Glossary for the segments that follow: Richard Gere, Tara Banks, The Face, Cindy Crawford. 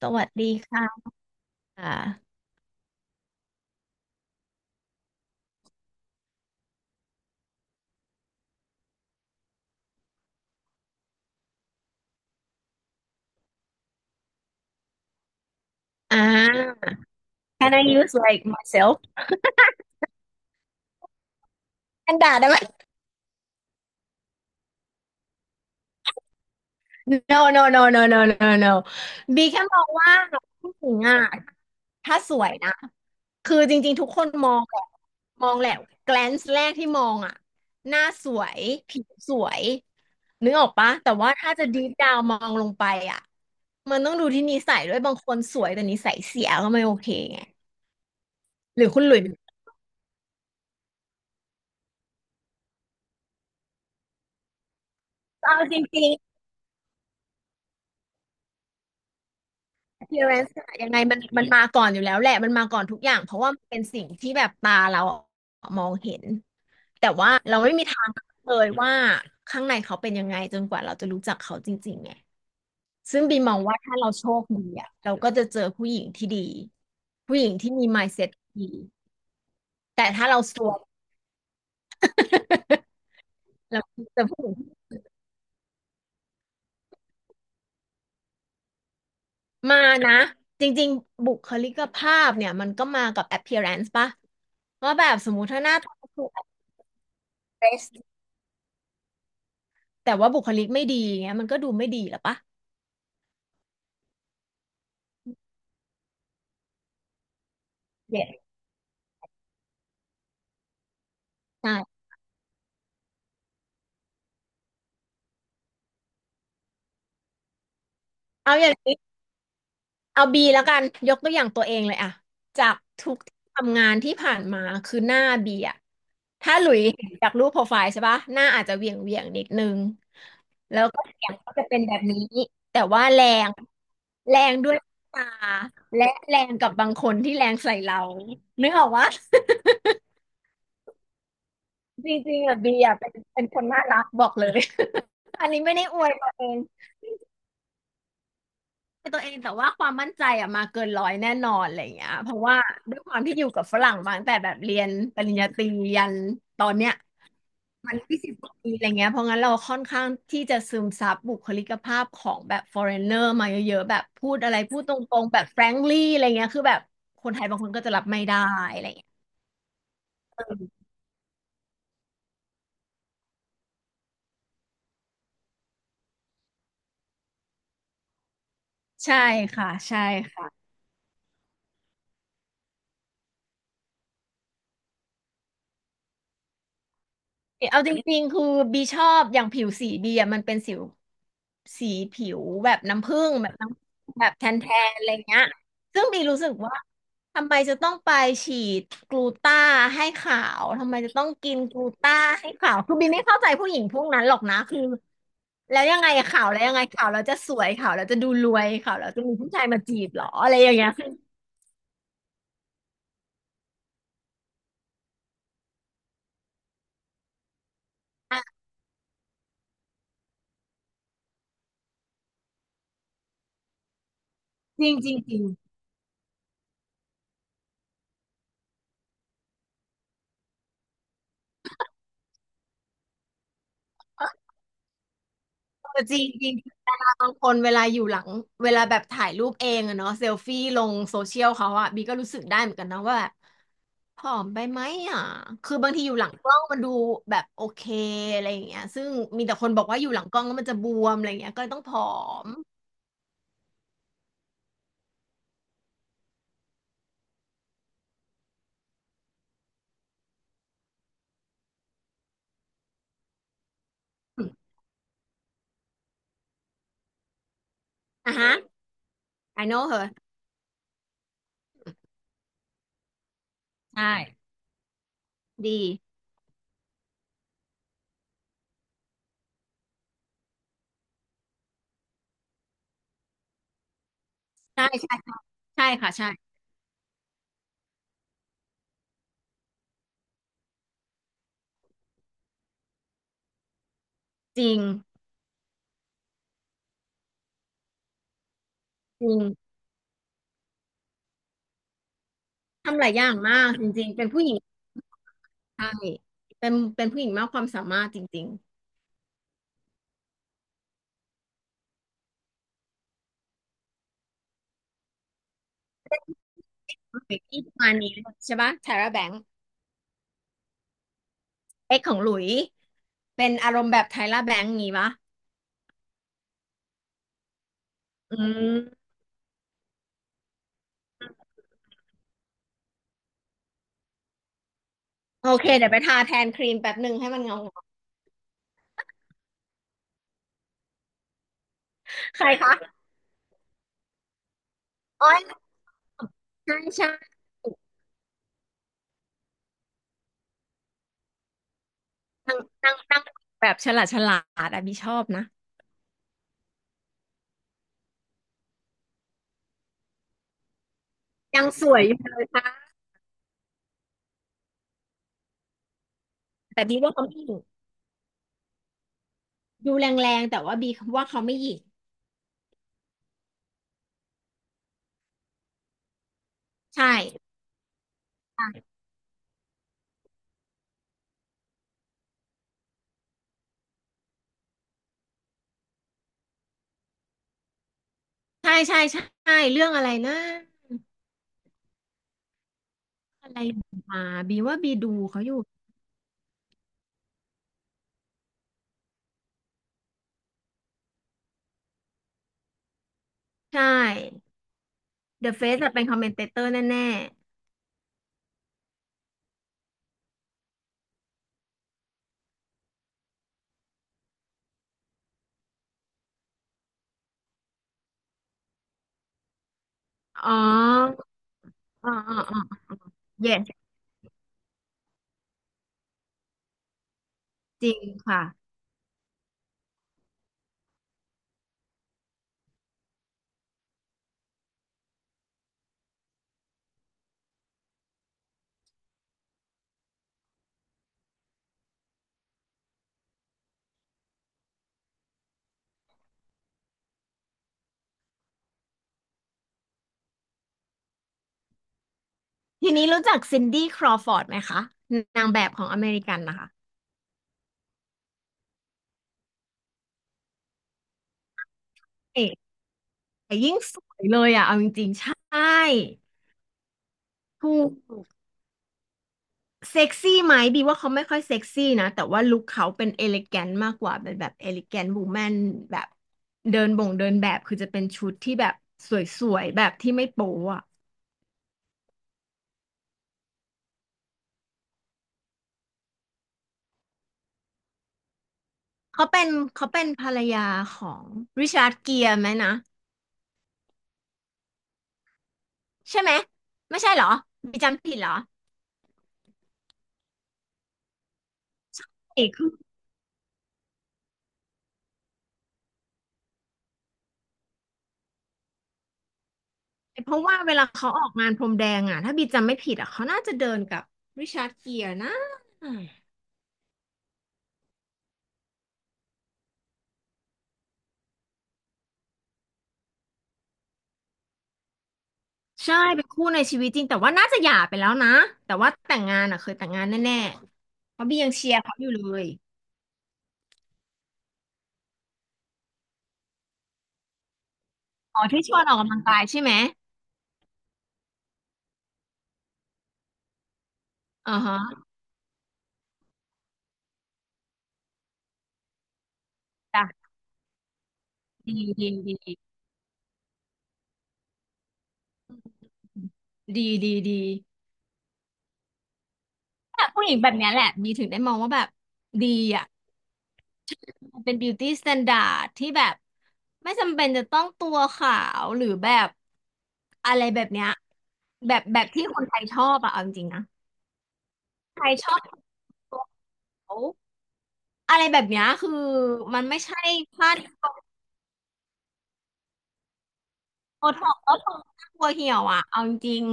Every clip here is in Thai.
สวัสดีค่ะอ่า can I use like myself แอนด่าได้ไหม no no no no no no no บีแค่มองว่าผู้หญิงอ่ะถ้าสวยนะ คือจริงๆ ทุกคนมองแหละ glance แรกที่มองอ่ะหน้าสวยผิวสวยนึกออกปะ แต่ว่าถ้าจะ deep down มองลงไปอ่ะมันต้องดูที่นิสัยด้วย บางคนสวยแต่นิสัยเสียก็ไม่โอเคไง หรือคุณหลุยส์เอาจริง appearance อะยังไงมันมาก่อนอยู่แล้วแหละ มันมาก่อนทุกอย่าง เพราะว่ามันเป็นสิ่งที่แบบตาเรามองเห็น แต่ว่าเราไม่มีทางเลยว่าข้างในเขาเป็นยังไงจนกว่าเราจะรู้จักเขาจริงๆไงซึ่งบีมองว่าถ้าเราโชคดีอะเราก็จะเจอผู้หญิงที่ดี ผู้หญิงที่มี mindset ดี แต่ถ้าเราซวย เราจะผู้หญิงมานะ จริงๆบุคลิกภาพเนี่ยมันก็มากับ appearance ปะว่าแบบสมมุติถ้าหน้าตาคือ dress แต่ว่าบุคลิกไม่ดีเงี้ยมันก็ดูไม่ดีหรอปะเนี่ยใช่เอาอย่างนี้เอาบีแล้วกันยกตัวอย่างตัวเองเลยอะจากทุกที่ทำงานที่ผ่านมาคือหน้าบีอะถ้าหลุยเห็นจากรูปโปรไฟล์ใช่ปะหน้าอาจจะเหวี่ยงเหวียงนิดนึงแล้วก็เสียงก็จะเป็นแบบนี้แต่ว่าแรงแรงด้วยตาและแรงกับบางคนที่แรงใส่เรานึกออกว่าจริงๆอะบีอะเป็นคนน่ารักบอกเลย อันนี้ไม่ได้อวยตัวเอง นตัวเองแต่ว่าความมั่นใจอะมาเกินร้อยแน่นอนอะไรอย่างเงี้ยเพราะว่าด้วยความที่อยู่กับฝรั่งมาตั้งแต่แบบเรียนปริญญาตรียันตอนเนี้ยมัน20 กว่าปีอะไรเงี้ยเพราะงั้นเราค่อนข้างที่จะซึมซับบุคลิกภาพของแบบ foreigner มาเยอะๆแบบพูดอะไรพูดตรงๆแบบ frankly อะไรเงี้ยคือแบบคนไทยบางคนก็จะรับไม่ได้อะไรเงี้ยใช่ค่ะใช่ค่ะ เอาจริงๆคือบีชอบอย่างผิวสีบีอะมันเป็นสิวสีผิวแบบน้ำผึ้งแบบน้ำแบบแทนแทนอะไรเงี้ยซึ่งบีรู้สึกว่าทำไมจะต้องไปฉีดกลูต้าให้ขาวทำไมจะต้องกินกลูต้าให้ขาวคือบีไม่เข้าใจผู้หญิงพวกนั้นหรอกนะคือแล้วยังไงขาวแล้วยังไงขาวแล้วจะสวยขาวแล้วจะดูรวยขาวแล้วจะมีผู้ชายมาจีบเหรออะไรอย่างเงี้ยจริงจริงจริงเออจริงจริง บางคนเวลาอยู่หลังเวลาแบบถ่ายรูปเองอะเนาะเซลฟี่ลงโซเชียลเขาอะบีก็รู้สึกได้เหมือนกันนะว่าแบบผอมไปไหมอะคือบางทีอยู่หลังกล้องมันดูแบบโอเคอะไรอย่างเงี้ยซึ่งมีแต่คนบอกว่าอยู่หลังกล้องแล้วมันจะบวมอะไรอย่างเงี้ยก็เลยต้องผอมอมอ่ะฮะ I know her ใช่ดีใช่ใช่ใช่ค่ะใช่จริงจริงทำหลายอย่างมากจริงๆเป็นผู้หญิงใช่เป็นผู้หญิงมากความสามารถจริงๆโอเป็ที่ประมาณนี้ใช่ปะ Tara Banks เอ็กของหลุยเป็นอารมณ์แบบไทล่าแบงค์งี้ปะอืมโอเคเดี๋ยวไปทาแทนครีมแป๊บหนึ่งให้มันเงาๆใครคะอ๋อยใช่ใช่นางนางแบบฉลาดฉลาดอะบีชอบนะยังสวยอยู่เลยค่ะแต่บีว่าเขาไม่หยิ่งดูแรงๆแต่ว่าบีว่าเขาไม่หยิ่งใช่ใช่ใช่ใช่ใช่เรื่องอะไรนะอะไรมาบีว่าบีดูเขาอยู่ใช่ The Face อะเป็นคอมเมนเตเตอร์แน่ๆอ๋ออ๋ออ๋ออ yes จริงค่ะ ทีนี้รู้จักซินดี้ครอฟอร์ดไหมคะนางแบบของอเมริกันนะคะเอ๊ะแต่ยิ่งสวยเลยอ่ะเอาจริงๆใช่ถูกเซ็กซี่ไหมบีว่าเขาไม่ค่อยเซ็กซี่นะแต่ว่าลุคเขาเป็นเอลิแกนมากกว่าเป็นแบบเอลิแกนบูแมนแบบเดินบ่งเดินแบบคือจะเป็นชุดที่แบบสวยๆแบบที่ไม่โป๊อ่ะเขาเป็นเขาเป็นภรรยาของริชาร์ดเกียร์ไหมนะใช่ไหมไม่ใช่เหรอบีจำผิดเหรอเอก เพราะว่าเวลาเขาออกงานพรมแดงอ่ะถ้าบีจำไม่ผิดอ่ะเขาน่าจะเดินกับริชาร์ดเกียร์นะใช่เป็นคู่ในชีวิตจริงแต่ว่าน่าจะหย่าไปแล้วนะแต่ว่าแต่งงานอ่ะเคยแต่งงานแน่ๆเพราะบียังเชียร์เขาอยู่เลยอ๋อที่ชวนออกกำลังกายใช่ไหมอ่าฮะจ้ะดีดีดีดีดีดีแต่ผู้หญิงแบบเนี้ยแหละบีถึงได้มองว่าแบบดีอ่ะ มันเป็นบิวตี้สแตนดาร์ดที่แบบไม่จำเป็นจะต้องตัวขาวหรือแบบอะไรแบบเนี้ยแบบแบบที่คนไทยชอบอะเอาจริงๆนะไทยชอบตัวขาวอะไรแบบเนี้ยคือมันไม่ใช่พ่าที่โบท็อกซ์ก็คน่ัวเหี่ยวอะเอาจริง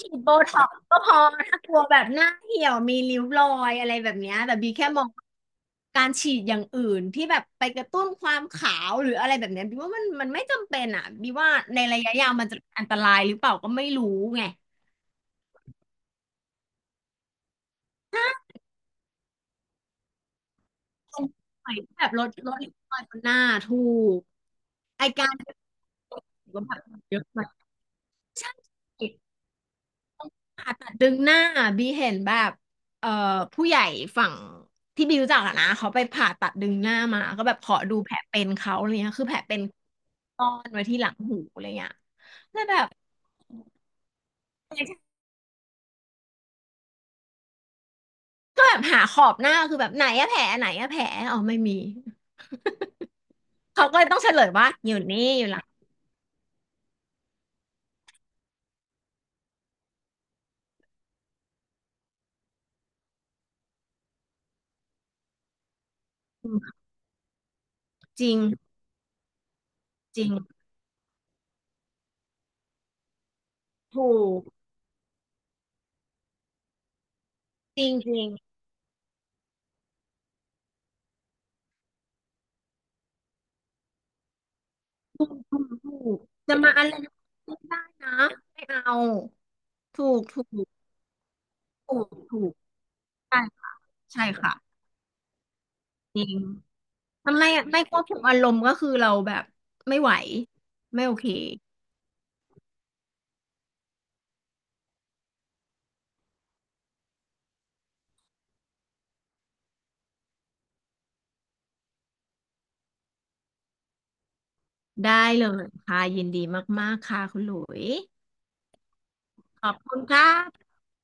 ฉีดโบท็อกซ์ก็พอถ้ากลัวแบบหน้าเหี่ยวมีริ้วรอยอะไรแบบเนี้ยแต่บีแค่มองการฉีดอย่างอื่นที่แบบไปกระตุ้นความขาวหรืออะไรแบบเนี้ยบีว่ามันมันไม่จำเป็นอ่ะบีว่าในระยะยาวมันจะเป็นอันตรายหรือเปล่าก็ไม่รู้ไงหนใหม่อยแบบลดริ้วรอยบนหน้าถูกไอการแบบเยอะมาก ผ่าตัดดึงหน้าบีเห็นแบบเอ่อผู้ใหญ่ฝั่งที่บีรู้จักอะนะเขาไปผ่าตัดดึงหน้ามาก็แบบขอดูแผลเป็นเขาอะไรเงี้ยคือแผลเป็นซ่อนไว้ที่หลังหูอะไรเงี้ยแล้วแบบก็แบบหาขอบหน้าคือแบบไหนอะแผลไหนอะแผลอ๋อไม่มี เขาก็เลยต้องเฉลยว่าอยู่นี่อยู่หลังอืมจริงจริงถูกจริงจริงถูกถูกจะมาอะไรไม่ได้นะไม่เอาถูกถูกถูกถูก ใช่ค่ะจริงมันไม่ไม่ควบคุมอารมณ์ก็คือเราแบบไม่ไหวไม่โอเคได้เลยค่ะยินดีมากๆค่ะคุณหลุยขอบคุณครับ